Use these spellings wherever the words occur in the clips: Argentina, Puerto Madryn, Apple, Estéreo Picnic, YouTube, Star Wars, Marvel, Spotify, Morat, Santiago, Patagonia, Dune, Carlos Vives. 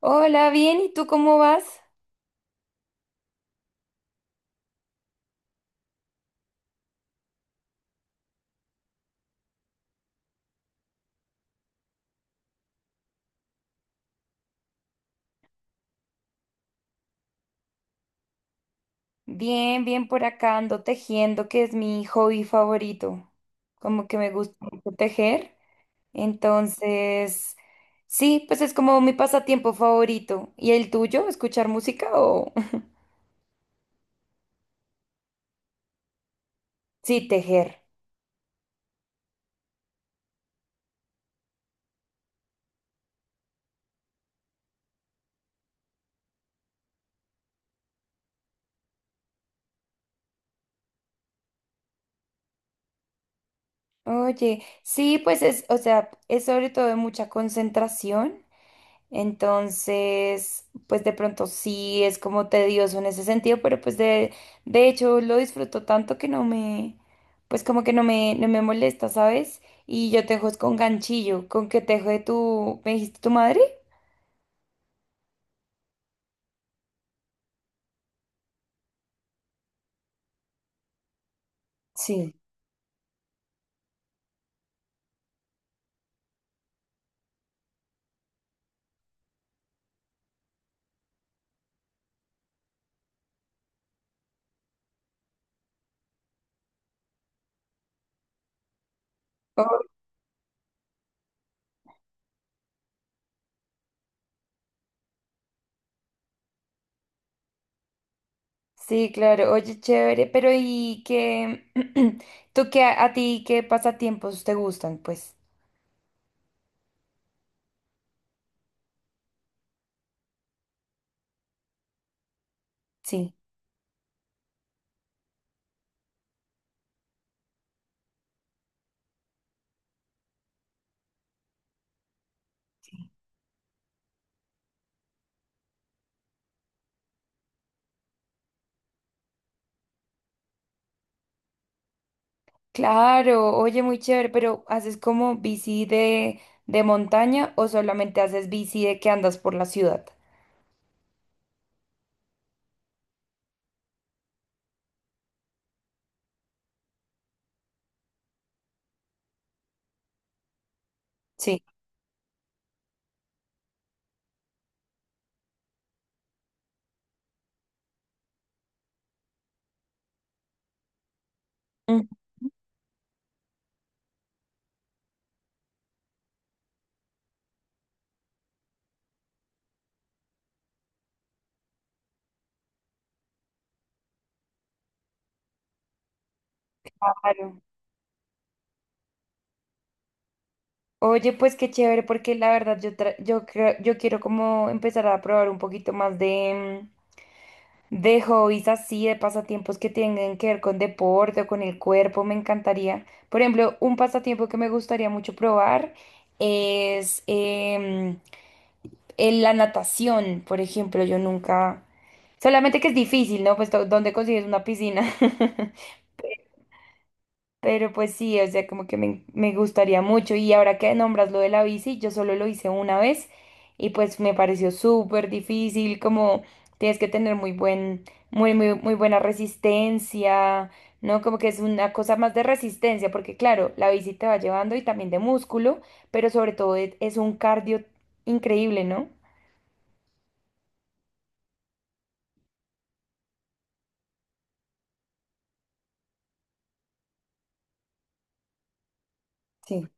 Hola, bien, ¿y tú cómo vas? Bien, bien por acá ando tejiendo, que es mi hobby favorito. Como que me gusta mucho tejer. Entonces, sí, pues es como mi pasatiempo favorito. ¿Y el tuyo? ¿Escuchar música o...? Sí, tejer. Oye, sí, pues es, o sea, es sobre todo de mucha concentración. Entonces, pues de pronto sí es como tedioso en ese sentido, pero pues de hecho lo disfruto tanto que no me, pues como que no me, no me molesta, ¿sabes? Y yo tejo es con ganchillo, con que tejo de tu, ¿me dijiste tu madre? Sí. Oh, sí, claro, oye, chévere, pero ¿y qué, tú qué, a ti qué pasatiempos te gustan, pues? Sí. Claro, oye, muy chévere, pero ¿haces como bici de montaña o solamente haces bici de que andas por la ciudad? Sí. Mm, claro. Oye, pues qué chévere, porque la verdad yo, yo, yo quiero como empezar a probar un poquito más de, mm, de hobbies así, de pasatiempos que tengan que ver con deporte o con el cuerpo, me encantaría. Por ejemplo, un pasatiempo que me gustaría mucho probar es en la natación, por ejemplo, yo nunca... Solamente que es difícil, ¿no? Pues, ¿dónde consigues una piscina? Pero pues sí, o sea, como que me gustaría mucho. Y ahora que nombras lo de la bici, yo solo lo hice una vez y pues me pareció súper difícil, como tienes que tener muy buen, muy, muy, muy buena resistencia, ¿no? Como que es una cosa más de resistencia, porque claro, la bici te va llevando y también de músculo, pero sobre todo es un cardio increíble, ¿no? Sí.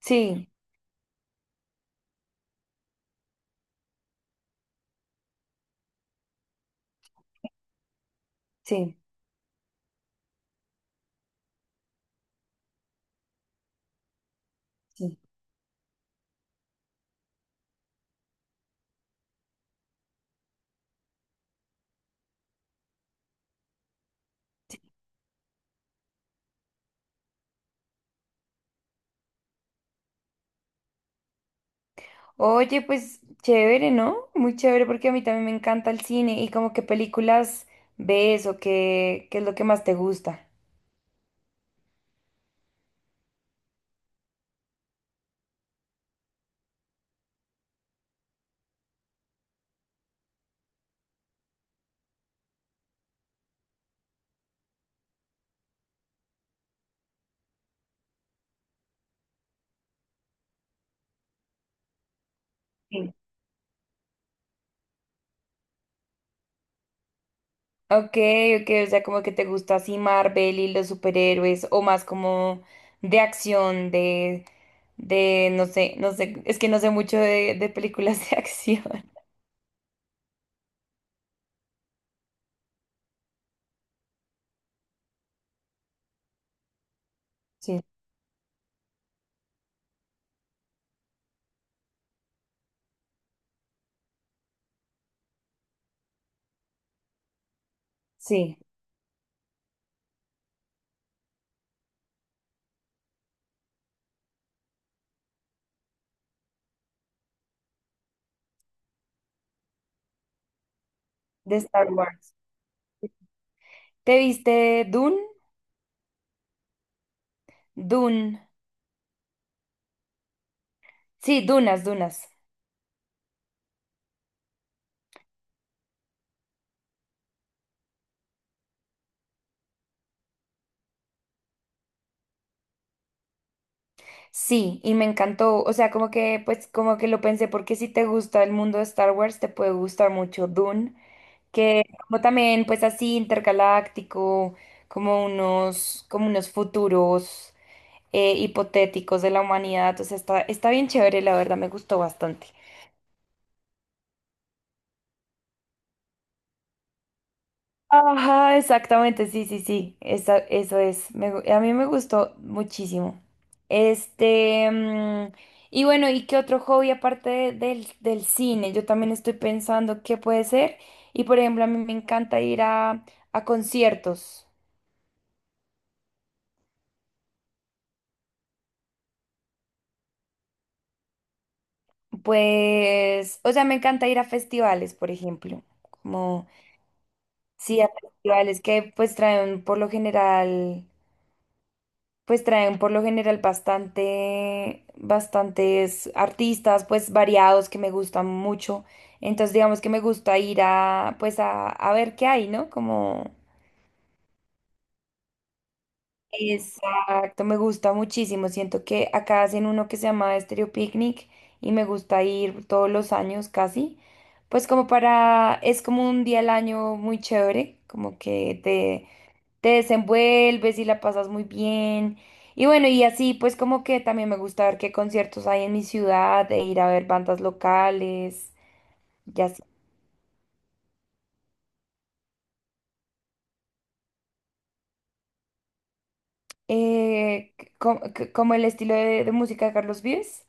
Sí. Sí, sí. Oye, pues chévere, ¿no? Muy chévere porque a mí también me encanta el cine y como qué películas ves o qué, qué es lo que más te gusta. Sí. Ok, ok, o sea, como que te gusta así Marvel y los superhéroes o más como de acción, de, no sé, no sé, es que no sé mucho de películas de acción. Sí, sí, de Star Wars. ¿Te viste Dune? Dune. Sí, Dunas, Dunas. Sí, y me encantó, o sea, como que, pues, como que lo pensé, porque si te gusta el mundo de Star Wars, te puede gustar mucho Dune, que como también, pues, así intergaláctico, como unos futuros hipotéticos de la humanidad, o sea, está, está bien chévere, la verdad, me gustó bastante. Ajá, exactamente, sí, sí, sí, eso es. A mí me gustó muchísimo. Este, mm, y bueno, ¿y qué otro hobby aparte del, del cine? Yo también estoy pensando qué puede ser. Y por ejemplo, a mí me encanta ir a conciertos. Pues, o sea, me encanta ir a festivales, por ejemplo. Como, sí, a festivales que pues traen por lo general. Pues traen por lo general bastante, bastantes artistas, pues variados que me gustan mucho. Entonces, digamos que me gusta ir a, pues a ver qué hay, ¿no? Como, exacto, me gusta muchísimo. Siento que acá hacen uno que se llama Estéreo Picnic y me gusta ir todos los años casi. Pues como para, es como un día al año muy chévere, como que te desenvuelves y la pasas muy bien. Y bueno, y así pues como que también me gusta ver qué conciertos hay en mi ciudad e ir a ver bandas locales, ya así. Como el estilo de música de Carlos Vives.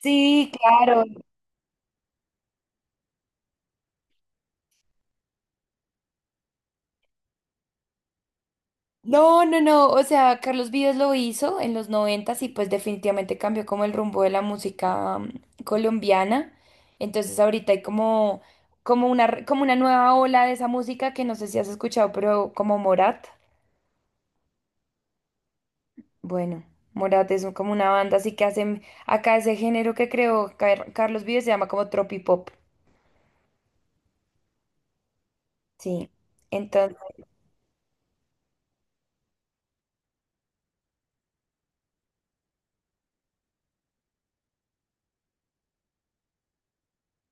Sí, claro. No, no, no. O sea, Carlos Vives lo hizo en los noventas y pues definitivamente cambió como el rumbo de la música mm, colombiana. Entonces ahorita hay como, como una, como una nueva ola de esa música que no sé si has escuchado, pero como Morat. Bueno, Morat es como una banda, así que hacen acá ese género que creó Carlos Vives se llama como tropipop. Sí. Entonces,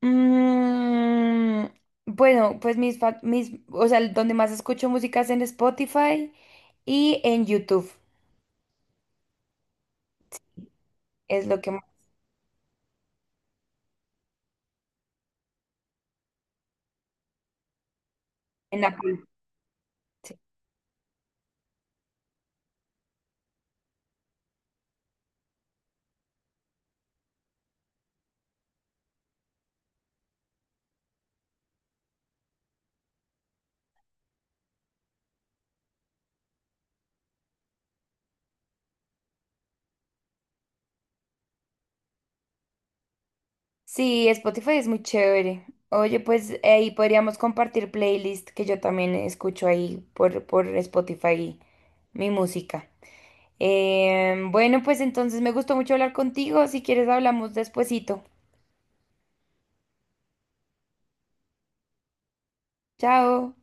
mm, bueno, pues mis, mis, o sea, donde más escucho música es en Spotify y en YouTube. Es lo que más- en Apple. Sí, sí, Spotify es muy chévere. Oye, pues ahí podríamos compartir playlist que yo también escucho ahí por Spotify mi música. Bueno, pues entonces me gustó mucho hablar contigo. Si quieres, hablamos despuesito. Chao.